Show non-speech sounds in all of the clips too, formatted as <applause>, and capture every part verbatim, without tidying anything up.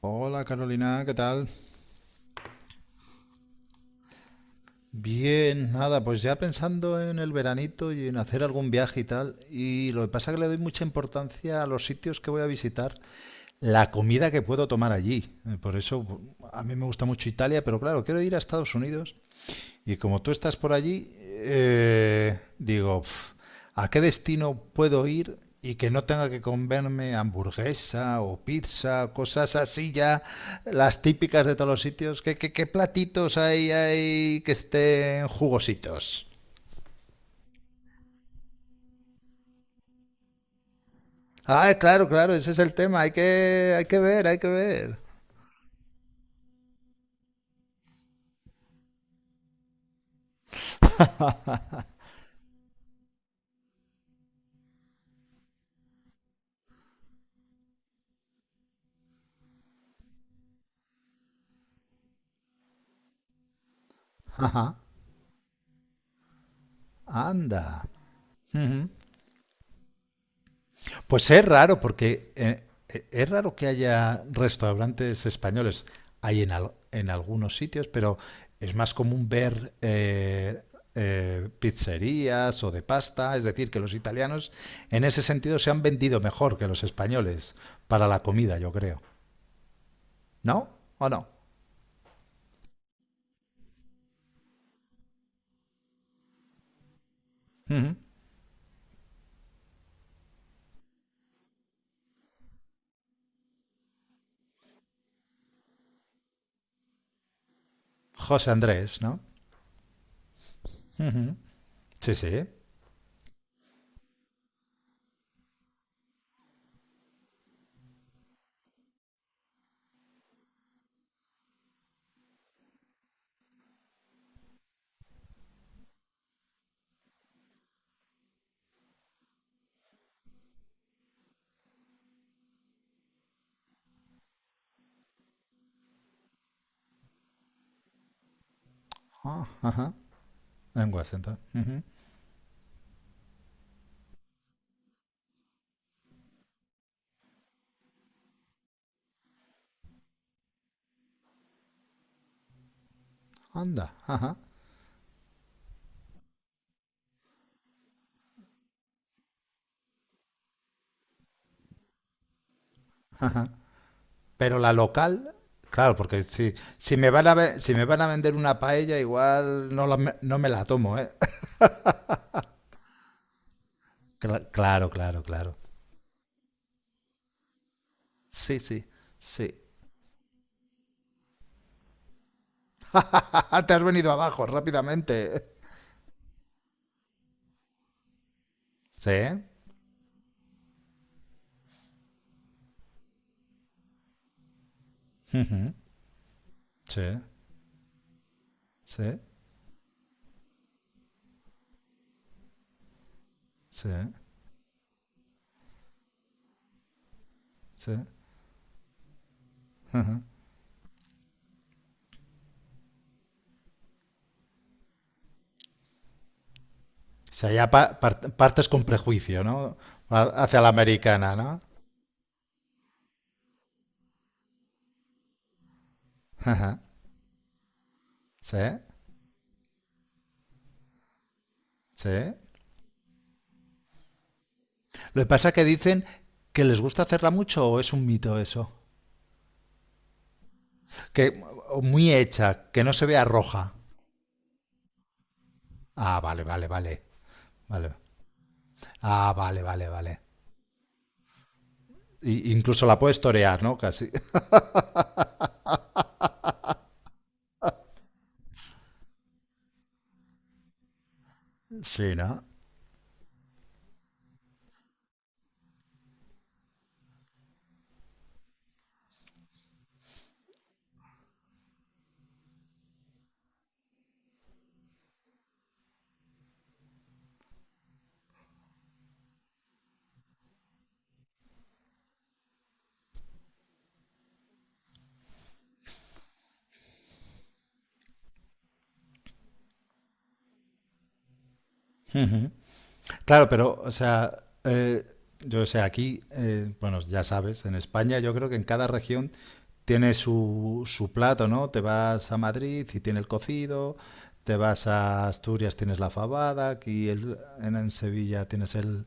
Hola Carolina, ¿qué tal? Bien, nada, pues ya pensando en el veranito y en hacer algún viaje y tal, y lo que pasa es que le doy mucha importancia a los sitios que voy a visitar, la comida que puedo tomar allí. Eh, Por eso bu- a mí me gusta mucho Italia, pero claro, quiero ir a Estados Unidos. Y como tú estás por allí, eh, digo, "Pf, ¿a qué destino puedo ir y que no tenga que comerme hamburguesa o pizza, cosas así ya, las típicas de todos los sitios? ¿Qué, qué, qué platitos hay, hay que estén jugositos?" Ah, claro, claro, ese es el tema, hay que, hay que ver, hay que ver. Ajá, anda. Ujú. Pues es raro, porque eh, eh, es raro que haya restaurantes españoles. Hay en, al- en algunos sitios, pero es más común ver eh, eh, pizzerías o de pasta. Es decir, que los italianos en ese sentido se han vendido mejor que los españoles para la comida, yo creo. ¿No? ¿O no? Ujú. José Andrés, ¿no? Ujú. Sí, sí. Ah, ajá. En Washington. Ujú. Anda, ajá. Pero la local, claro, porque si, si me van a ve- si me van a vender una paella, igual no, la me- no me la tomo, ¿eh? <laughs> Cla- Claro, claro, claro. Sí, sí, sí. <laughs> Ah, te has venido abajo rápidamente. Sí, sí, sí, sí, sí. O sea, ya pa- par- partes con prejuicio, ¿no? Ha- Hacia la americana, ¿no? <laughs> Ajá. Sí, sí. Lo que pasa es que dicen que les gusta hacerla mucho o es un mito eso. Que o muy hecha, que no se vea roja. Ah, vale, vale, vale. Vale. Ah, vale, vale, vale. I- incluso la puedes torear, ¿no? Casi. <laughs> Sí, ¿no? Claro, pero, o sea, eh, yo sé, aquí, eh, bueno, ya sabes, en España yo creo que en cada región tiene su, su plato, ¿no? Te vas a Madrid y tiene el cocido, te vas a Asturias, tienes la fabada, aquí el- en, en Sevilla tienes el,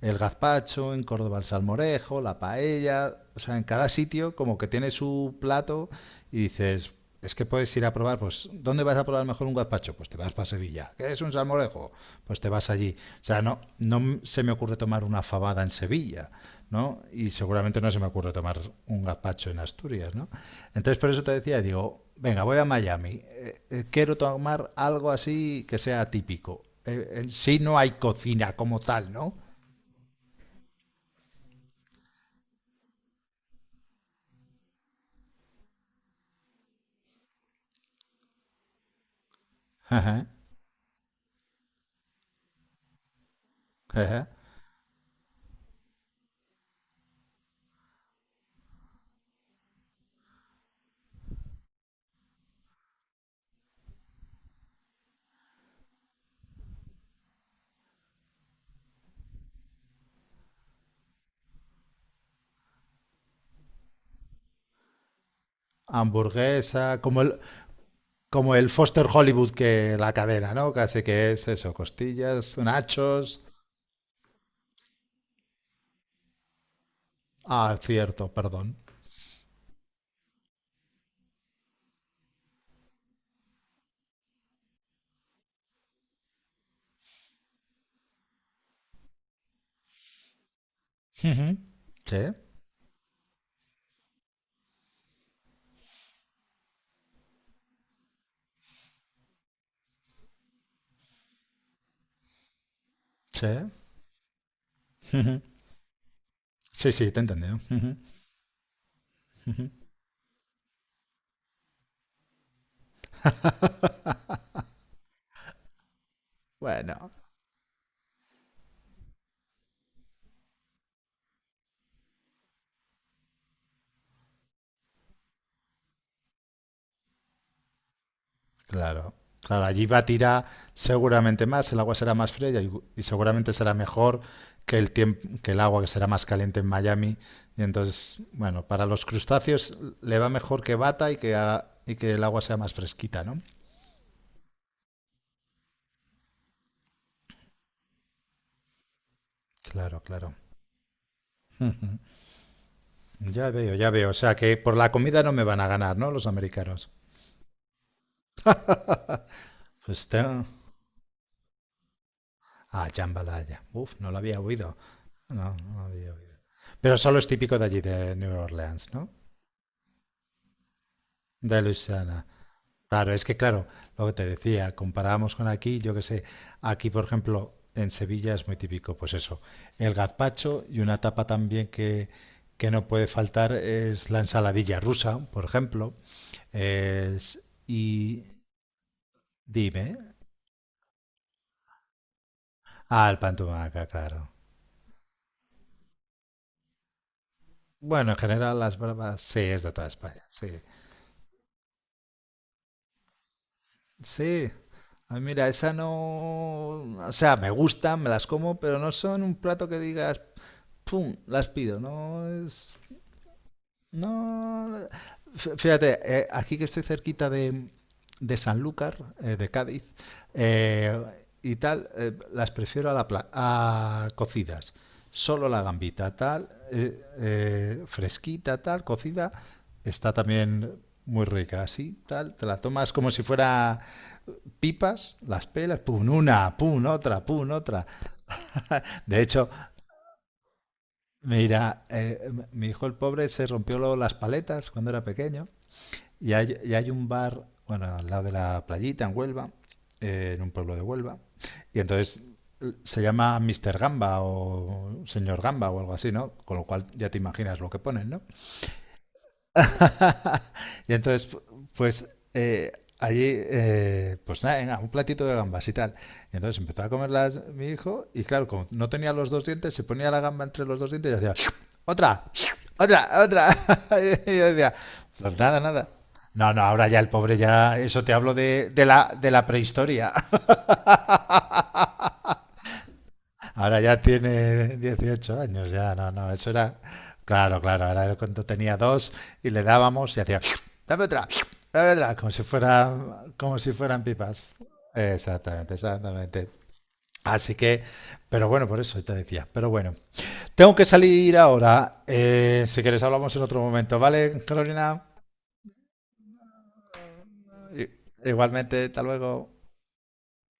el gazpacho, en Córdoba el salmorejo, la paella, o sea, en cada sitio como que tiene su plato y dices, es que puedes ir a probar, pues, ¿dónde vas a probar mejor un gazpacho? Pues te vas para Sevilla. ¿Qué es un salmorejo? Pues te vas allí. O sea, no, no se me ocurre tomar una fabada en Sevilla, ¿no? Y seguramente no se me ocurre tomar un gazpacho en Asturias, ¿no? Entonces, por eso te decía, digo, venga, voy a Miami. eh, eh, quiero tomar algo así que sea típico. Eh, en sí no hay cocina como tal, ¿no? Ajá, ajá. Hamburguesa, como el, como el Foster Hollywood que la cadena, ¿no? Casi que es eso, costillas, nachos. Ah, cierto, perdón. Ujú. Sí, sí. Ujú. Sí, sí, te he entendido. Ujú, ujú. Bueno. Claro, claro, allí va a tirar seguramente más, el agua será más fría y, y seguramente será mejor que el tiemp- que el agua que será más caliente en Miami. Y entonces, bueno, para los crustáceos le va mejor que bata y que, a- y que el agua sea más fresquita, ¿no? Claro, claro. <laughs> Ujú. Ya veo, ya veo. O sea que por la comida no me van a ganar, ¿no? Los americanos. Pues tengo... Ah, jambalaya. Uf, no lo había oído. No, no lo había oído. Pero solo es típico de allí, de New Orleans, ¿no? De Luisiana. Claro, es que claro, lo que te decía, comparábamos con aquí, yo que sé, aquí por ejemplo en Sevilla es muy típico, pues eso, el gazpacho y una tapa también que, que no puede faltar es la ensaladilla rusa, por ejemplo, es, y dime, ah, el pan tumaca, claro. Bueno, en general las bravas sí es de toda España, sí, sí. A mí, mira, esa no, o sea, me gustan, me las como, pero no son un plato que digas, pum, las pido, no es. No, no. Fíjate, eh, aquí que estoy cerquita de, de, Sanlúcar, eh, de Cádiz, eh, y tal, eh, las prefiero a, la pla- a cocidas. Solo la gambita tal, eh, eh, fresquita tal, cocida, está también muy rica, así, tal, te la tomas como si fuera pipas, las pelas, pum, una, pum, otra, pum, otra. De hecho, mira, eh, mi hijo el pobre se rompió lo- las paletas cuando era pequeño. Y hay, y hay un bar, bueno, al lado de la playita, en Huelva, eh, en un pueblo de Huelva. Y entonces l- se llama Mister Gamba o Señor Gamba o algo así, ¿no? Con lo cual ya te imaginas lo que ponen, ¿no? Y entonces, pues eh, allí, eh, pues nada, venga, un platito de gambas y tal. Y entonces empezó a comerlas mi hijo y claro, como no tenía los dos dientes, se ponía la gamba entre los dos dientes y hacía, otra, otra, otra. <laughs> Y yo decía, pues nada, nada. No, no, ahora ya el pobre ya, eso te hablo de, de la, de la prehistoria. Ahora ya tiene dieciocho años, ya, no, no, eso era, claro, claro, ahora era cuando tenía dos y le dábamos y hacía, dame otra, dame otra, como si fuera, como si fueran pipas. Exactamente, exactamente. Así que, pero bueno, por eso te decía, pero bueno, tengo que salir ahora, eh, si quieres hablamos en otro momento, ¿vale, Carolina? I- Igualmente, hasta luego.